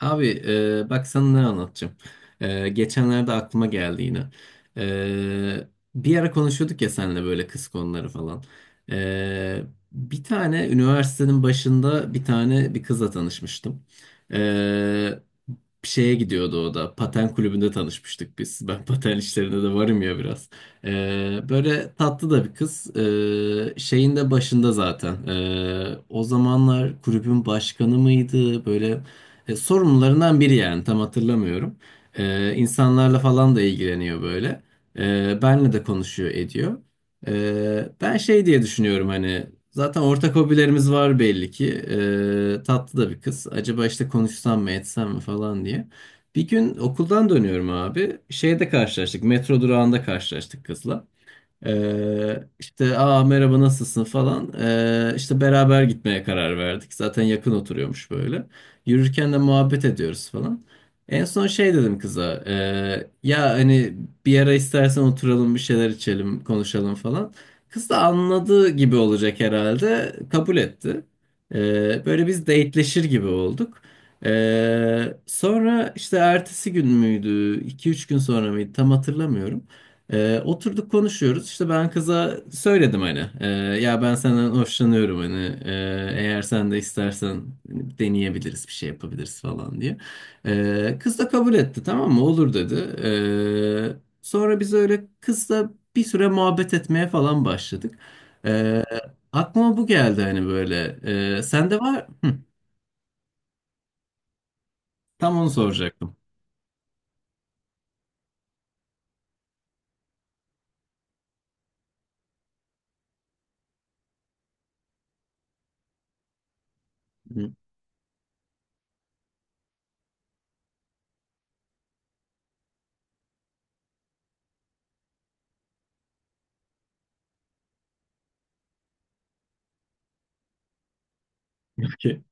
Abi bak sana ne anlatacağım. Geçenlerde aklıma geldi yine. E, Bir ara konuşuyorduk ya seninle böyle kız konuları falan. E, Bir tane üniversitenin başında bir kızla tanışmıştım. E, Şeye gidiyordu o da. Paten kulübünde tanışmıştık biz. Ben paten işlerinde de varım ya biraz. Böyle tatlı da bir kız. Şeyin de başında zaten. O zamanlar kulübün başkanı mıydı? Böyle sorumlularından biri yani tam hatırlamıyorum. İnsanlarla falan da ilgileniyor böyle. Benle de konuşuyor ediyor. Ben şey diye düşünüyorum hani zaten ortak hobilerimiz var belli ki. Tatlı da bir kız. Acaba işte konuşsam mı etsem mi falan diye. Bir gün okuldan dönüyorum abi. Şeyde karşılaştık. Metro durağında karşılaştık kızla. İşte aa merhaba nasılsın falan. İşte beraber gitmeye karar verdik. Zaten yakın oturuyormuş böyle. Yürürken de muhabbet ediyoruz falan. En son şey dedim kıza. Ya hani bir ara istersen oturalım bir şeyler içelim konuşalım falan. Kız da anladığı gibi olacak herhalde. Kabul etti. Böyle biz dateleşir gibi olduk. Sonra işte ertesi gün müydü? İki üç gün sonra mıydı? Tam hatırlamıyorum. Oturduk konuşuyoruz. İşte ben kıza söyledim hani. Ya ben senden hoşlanıyorum hani. e, Eğer sen de istersen hani deneyebiliriz bir şey yapabiliriz falan diye. Kız da kabul etti, tamam mı? Olur dedi. Sonra biz öyle kızla bir süre muhabbet etmeye falan başladık. Ee, Aklıma bu geldi hani böyle. Sende var. Hı, tam onu soracaktım. Hı, okey.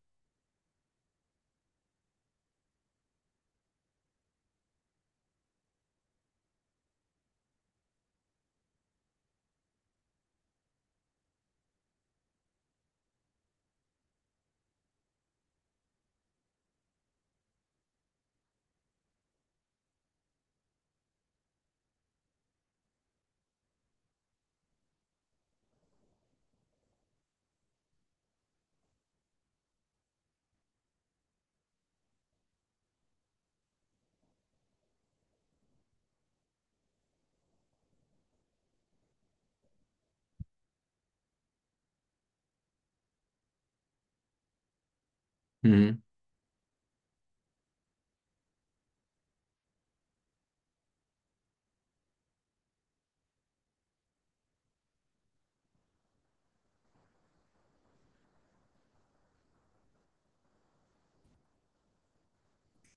Hı.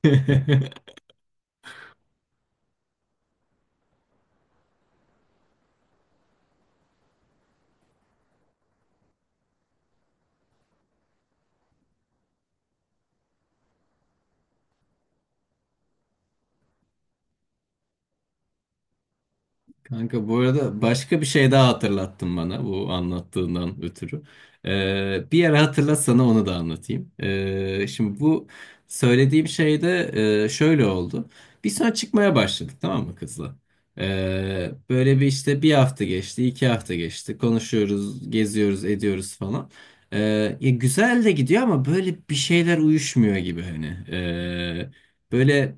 Kanka bu arada başka bir şey daha hatırlattın bana bu anlattığından ötürü. Bir ara hatırlat, sana onu da anlatayım. Şimdi bu söylediğim şey de şöyle oldu. Bir sonra çıkmaya başladık tamam mı kızla? Böyle bir işte bir hafta geçti, iki hafta geçti. Konuşuyoruz, geziyoruz, ediyoruz falan. Ya güzel de gidiyor ama böyle bir şeyler uyuşmuyor gibi hani. Ee, Böyle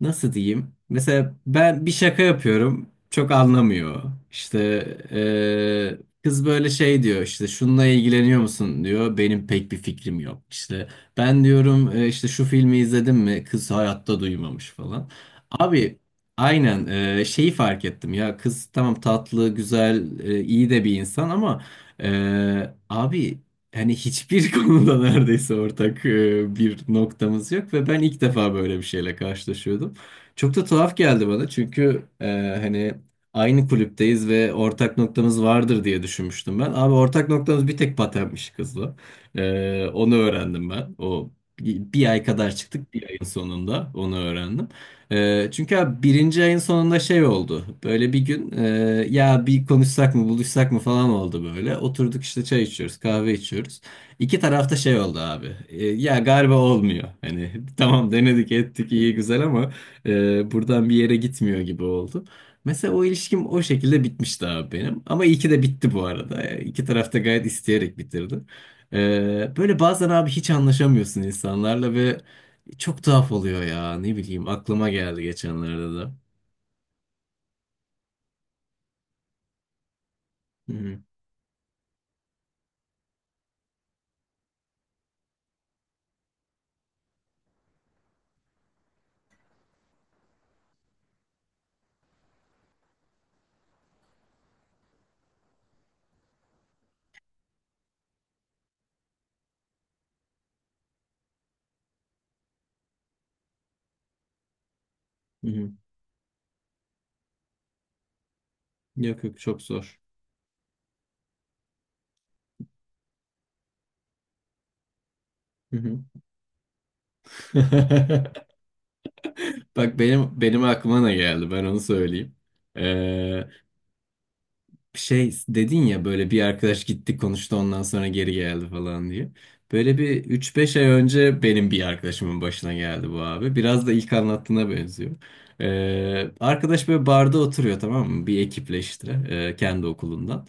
nasıl diyeyim? Mesela ben bir şaka yapıyorum. Çok anlamıyor. İşte eee, kız böyle şey diyor işte şununla ilgileniyor musun diyor. Benim pek bir fikrim yok. İşte ben diyorum işte şu filmi izledin mi?" Kız hayatta duymamış falan. Abi aynen şeyi fark ettim ya, kız tamam tatlı, güzel, iyi de bir insan ama abi yani hiçbir konuda neredeyse ortak bir noktamız yok ve ben ilk defa böyle bir şeyle karşılaşıyordum. Çok da tuhaf geldi bana çünkü hani aynı kulüpteyiz ve ortak noktamız vardır diye düşünmüştüm ben. Abi ortak noktamız bir tek patenmiş kızla. Onu öğrendim ben. O bir ay kadar çıktık, bir ayın sonunda onu öğrendim. Çünkü abi birinci ayın sonunda şey oldu. Böyle bir gün ya bir konuşsak mı buluşsak mı falan oldu böyle. Oturduk işte çay içiyoruz kahve içiyoruz. İki tarafta şey oldu abi. Ya galiba olmuyor. Hani tamam denedik ettik iyi güzel ama. Buradan bir yere gitmiyor gibi oldu. Mesela o ilişkim o şekilde bitmişti abi benim. Ama iyi ki de bitti bu arada. Yani İki taraf da gayet isteyerek bitirdi. Böyle bazen abi hiç anlaşamıyorsun insanlarla ve çok tuhaf oluyor ya. Ne bileyim aklıma geldi geçenlerde de. Hı hı, hı hı. Yok yok, çok zor. Hı hı. Bak benim aklıma ne geldi, ben onu söyleyeyim. Ee, Şey dedin ya böyle bir arkadaş gitti konuştu ondan sonra geri geldi falan diye. Böyle bir üç beş ay önce benim bir arkadaşımın başına geldi bu abi. Biraz da ilk anlattığına benziyor. Arkadaş böyle barda oturuyor tamam mı? Bir ekiple işte kendi okulundan.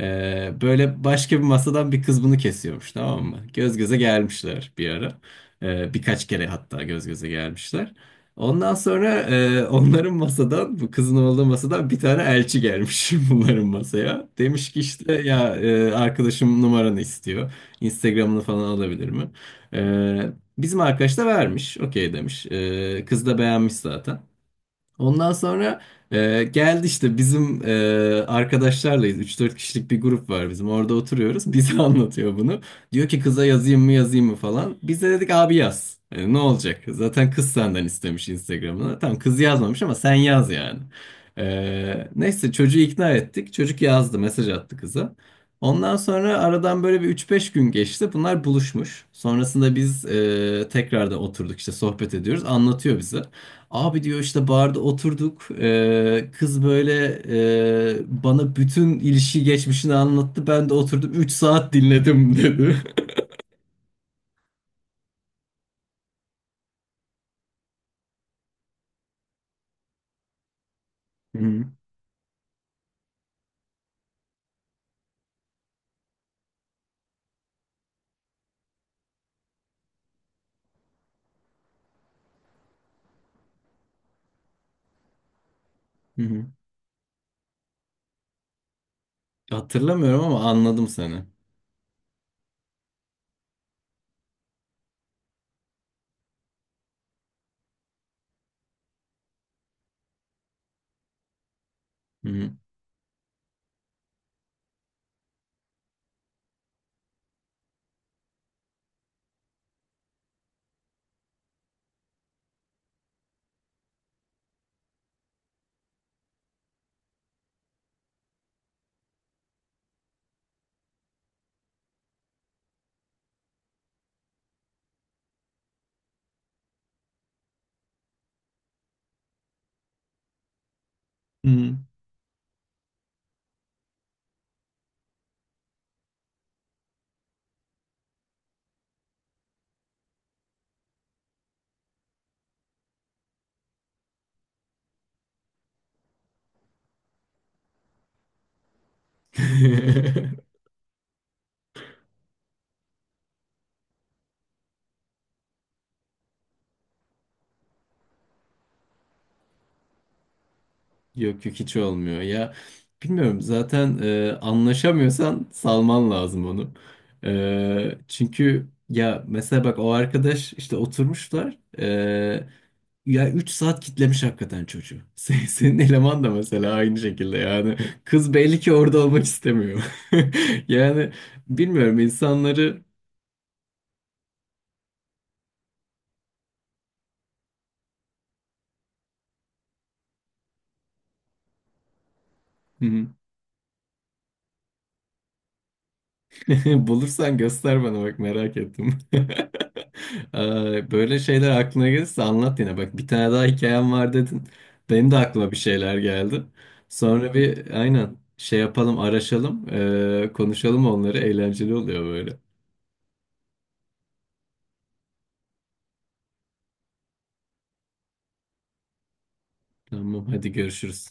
Böyle başka bir masadan bir kız bunu kesiyormuş tamam mı? Göz göze gelmişler bir ara. Birkaç kere hatta göz göze gelmişler. Ondan sonra onların masadan, bu kızın olduğu masadan bir tane elçi gelmiş bunların masaya. Demiş ki işte ya arkadaşım numaranı istiyor. Instagram'ını falan alabilir mi? Bizim arkadaş da vermiş. Okey demiş. Kız da beğenmiş zaten. Ondan sonra geldi işte bizim arkadaşlarlayız. 3 4 kişilik bir grup var bizim. Orada oturuyoruz. Bize anlatıyor bunu. Diyor ki kıza yazayım mı yazayım mı falan. Biz de dedik abi yaz. Ne olacak? Zaten kız senden istemiş Instagram'ını. Tamam kız yazmamış ama sen yaz yani. Neyse çocuğu ikna ettik. Çocuk yazdı, mesaj attı kıza. Ondan sonra aradan böyle bir üç beş gün geçti. Bunlar buluşmuş. Sonrasında biz tekrar da oturduk işte sohbet ediyoruz. Anlatıyor bize. Abi diyor işte barda oturduk. Kız böyle bana bütün ilişki geçmişini anlattı. Ben de oturdum 3 saat dinledim dedi. Hı hı. Hı hı. Hatırlamıyorum ama anladım seni. Hı hı. Hı hı. Yok yok hiç olmuyor ya. Bilmiyorum zaten anlaşamıyorsan salman lazım onu. Çünkü ya mesela bak o arkadaş işte oturmuşlar. Ya 3 saat kitlemiş hakikaten çocuğu. Senin eleman da mesela aynı şekilde yani. Kız belli ki orada olmak istemiyor. Yani bilmiyorum insanları... Hı hı. Bulursan göster bana, bak merak ettim. Böyle şeyler aklına gelirse anlat yine. Bak bir tane daha hikayem var dedin. Benim de aklıma bir şeyler geldi. Sonra bir aynen şey yapalım, araşalım. Konuşalım onları, eğlenceli oluyor böyle. Tamam hadi görüşürüz.